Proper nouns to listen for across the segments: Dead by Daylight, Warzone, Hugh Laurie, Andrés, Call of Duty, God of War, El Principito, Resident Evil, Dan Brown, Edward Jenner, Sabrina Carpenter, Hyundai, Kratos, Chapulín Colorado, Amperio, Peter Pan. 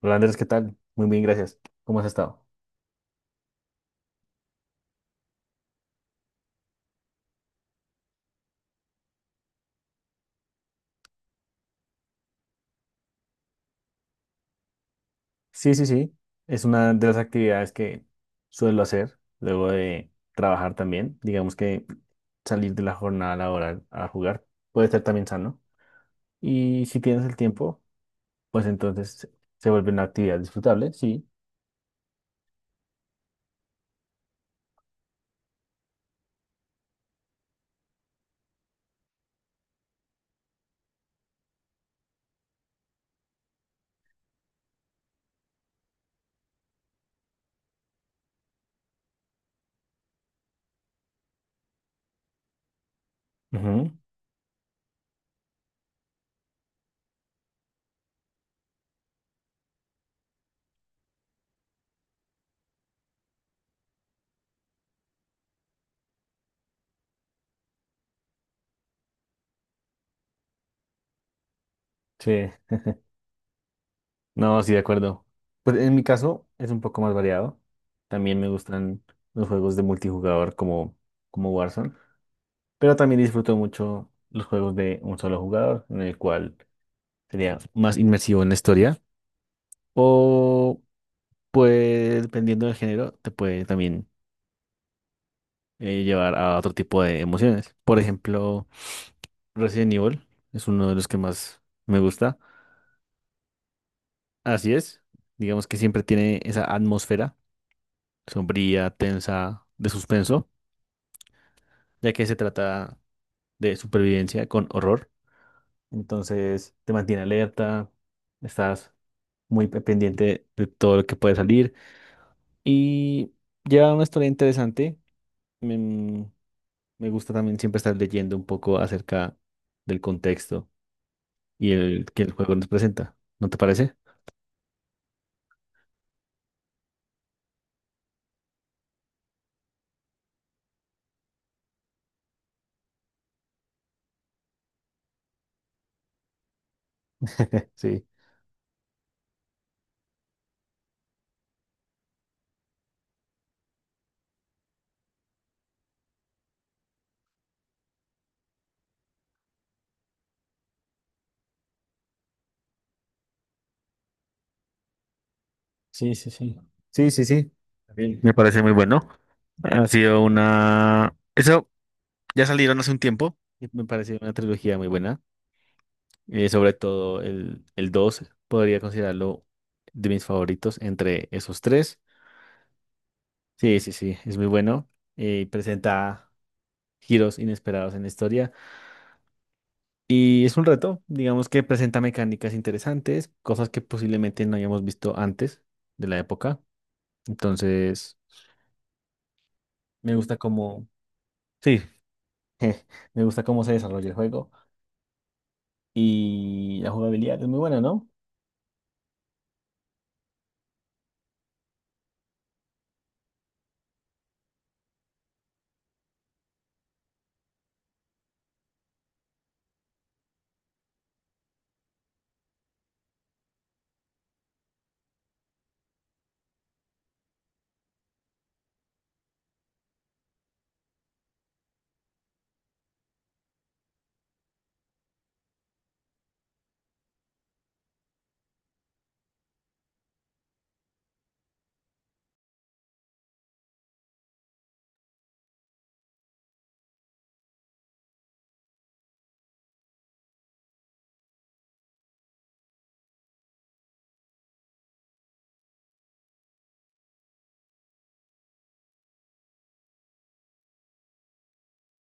Hola Andrés, ¿qué tal? Muy bien, gracias. ¿Cómo has estado? Sí, sí, sí. Es una de las actividades que suelo hacer luego de trabajar también. Digamos que salir de la jornada laboral a jugar puede ser también sano. Y si tienes el tiempo, pues entonces se vuelve una actividad disfrutable, sí. Ujú. Sí, no, sí, de acuerdo. Pues en mi caso es un poco más variado. También me gustan los juegos de multijugador como Warzone. Pero también disfruto mucho los juegos de un solo jugador, en el cual sería más inmersivo en la historia. O pues, dependiendo del género, te puede también llevar a otro tipo de emociones. Por ejemplo, Resident Evil es uno de los que más me gusta. Así es. Digamos que siempre tiene esa atmósfera sombría, tensa, de suspenso, ya que se trata de supervivencia con horror. Entonces, te mantiene alerta, estás pendiente de todo lo que puede salir. Y lleva una historia interesante. Me, me gusta también siempre estar leyendo un poco acerca del contexto y el que el juego nos presenta. ¿No te parece? Sí. Sí, sí, sí. Sí, sí, sí. También me parece muy bueno. Ha sido una... eso ya salieron hace un tiempo, y me pareció una trilogía muy buena. Sobre todo el 2 podría considerarlo de mis favoritos entre esos tres. Sí, sí, sí, es muy bueno. Presenta giros inesperados en la historia y es un reto, digamos que presenta mecánicas interesantes, cosas que posiblemente no hayamos visto antes de la época. Entonces, me gusta cómo, sí, me gusta cómo se desarrolla el juego y la jugabilidad es muy buena, ¿no?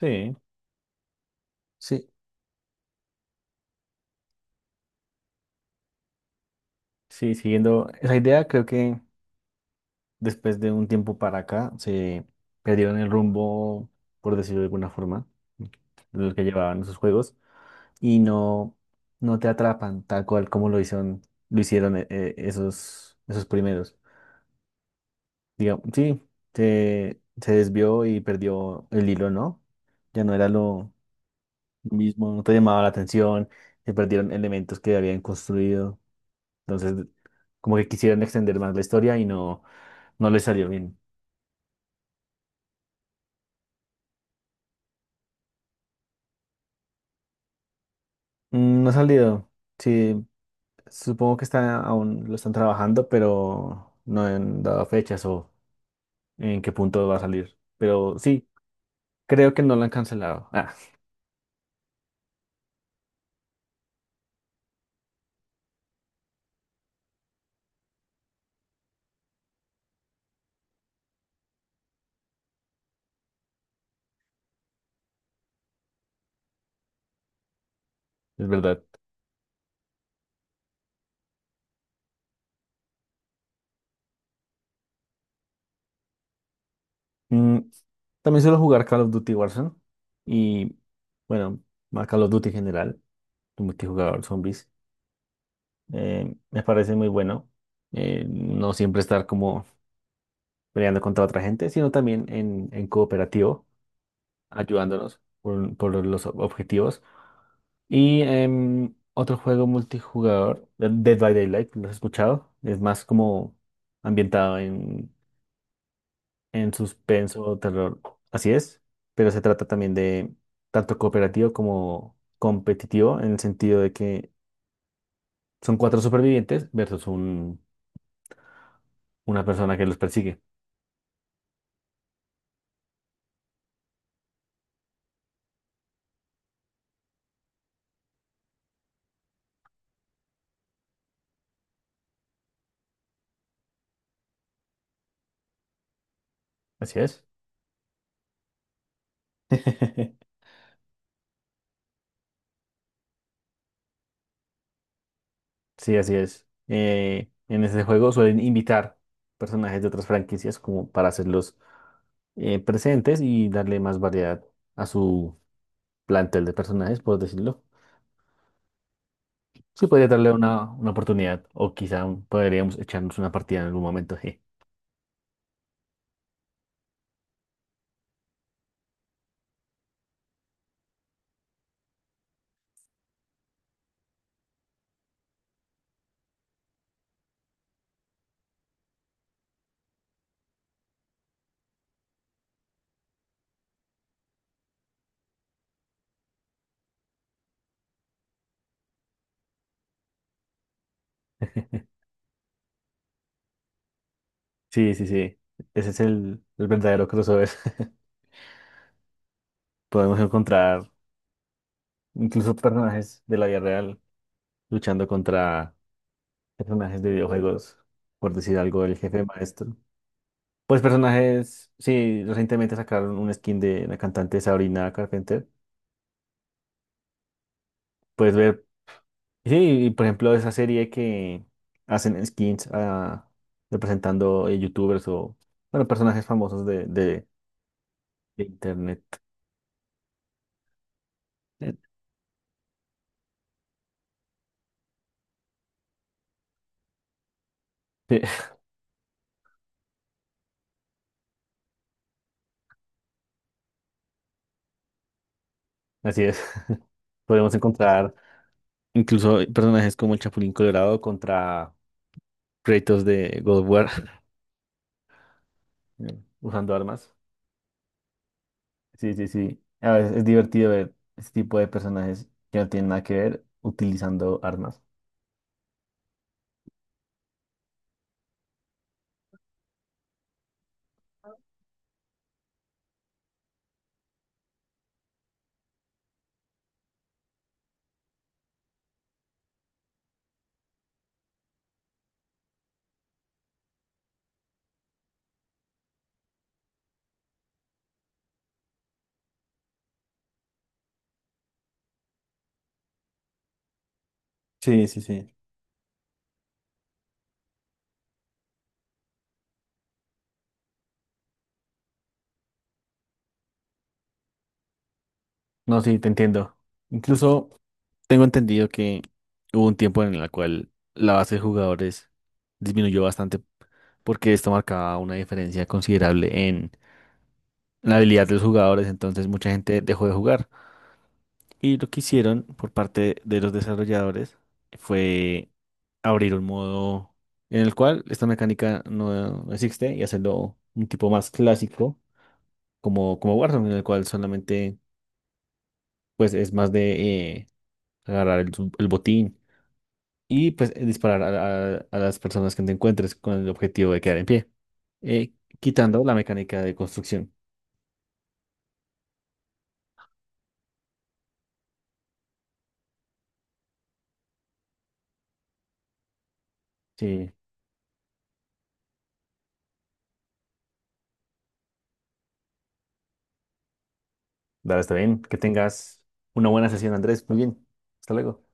Sí. Sí, sí, siguiendo esa idea, creo que después de un tiempo para acá se perdieron el rumbo, por decirlo de alguna forma, de lo que llevaban esos juegos. y no, no te atrapan tal cual como lo hicieron esos primeros. Digamos, sí, se desvió y perdió el hilo, ¿no? Ya no era lo mismo, no te llamaba la atención, se perdieron elementos que habían construido. Entonces, como que quisieron extender más la historia y no les salió bien. Mm, no ha salido. Sí, supongo que está, aún lo están trabajando, pero no han dado fechas o en qué punto va a salir. Pero sí, creo que no lo han cancelado. Ah, es verdad. Mm, También suelo jugar Call of Duty Warzone y bueno, más Call of Duty en general, el multijugador zombies. Me parece muy bueno no siempre estar como peleando contra otra gente, sino también en cooperativo, ayudándonos por los objetivos. Y otro juego multijugador, Dead by Daylight, ¿lo has escuchado? Es más como ambientado en suspenso o terror. Así es, pero se trata también de tanto cooperativo como competitivo en el sentido de que son cuatro supervivientes versus una persona que los persigue. Así es. Sí, así es. En este juego suelen invitar personajes de otras franquicias como para hacerlos presentes y darle más variedad a su plantel de personajes, por decirlo. Sí, podría darle una oportunidad o quizá podríamos echarnos una partida en algún momento. Sí, sí, sí. Ese es el verdadero crossover. Podemos encontrar incluso personajes de la vida real luchando contra personajes de videojuegos, por decir algo, el jefe maestro. Pues personajes, sí, recientemente sacaron un skin de la cantante Sabrina Carpenter. Puedes ver, sí, y por ejemplo, esa serie que hacen skins ah, representando youtubers o bueno, personajes famosos de internet. Eh, Sí, así es. Podemos encontrar incluso hay personajes como el Chapulín Colorado contra Kratos de God of War usando armas. Sí, sí, sí. A veces es divertido ver este tipo de personajes que no tienen nada que ver utilizando armas. Sí, sí, sí. No, sí, te entiendo. Incluso tengo entendido que hubo un tiempo en el cual la base de jugadores disminuyó bastante porque esto marcaba una diferencia considerable en la habilidad de los jugadores, entonces mucha gente dejó de jugar. Y lo que hicieron por parte de los desarrolladores fue abrir un modo en el cual esta mecánica no existe y hacerlo un tipo más clásico como Warzone, en el cual solamente pues es más de agarrar el botín y pues disparar a las personas que te encuentres con el objetivo de quedar en pie, eh, quitando la mecánica de construcción. Sí, dale, está bien. Que tengas una buena sesión, Andrés. Muy bien. Hasta luego.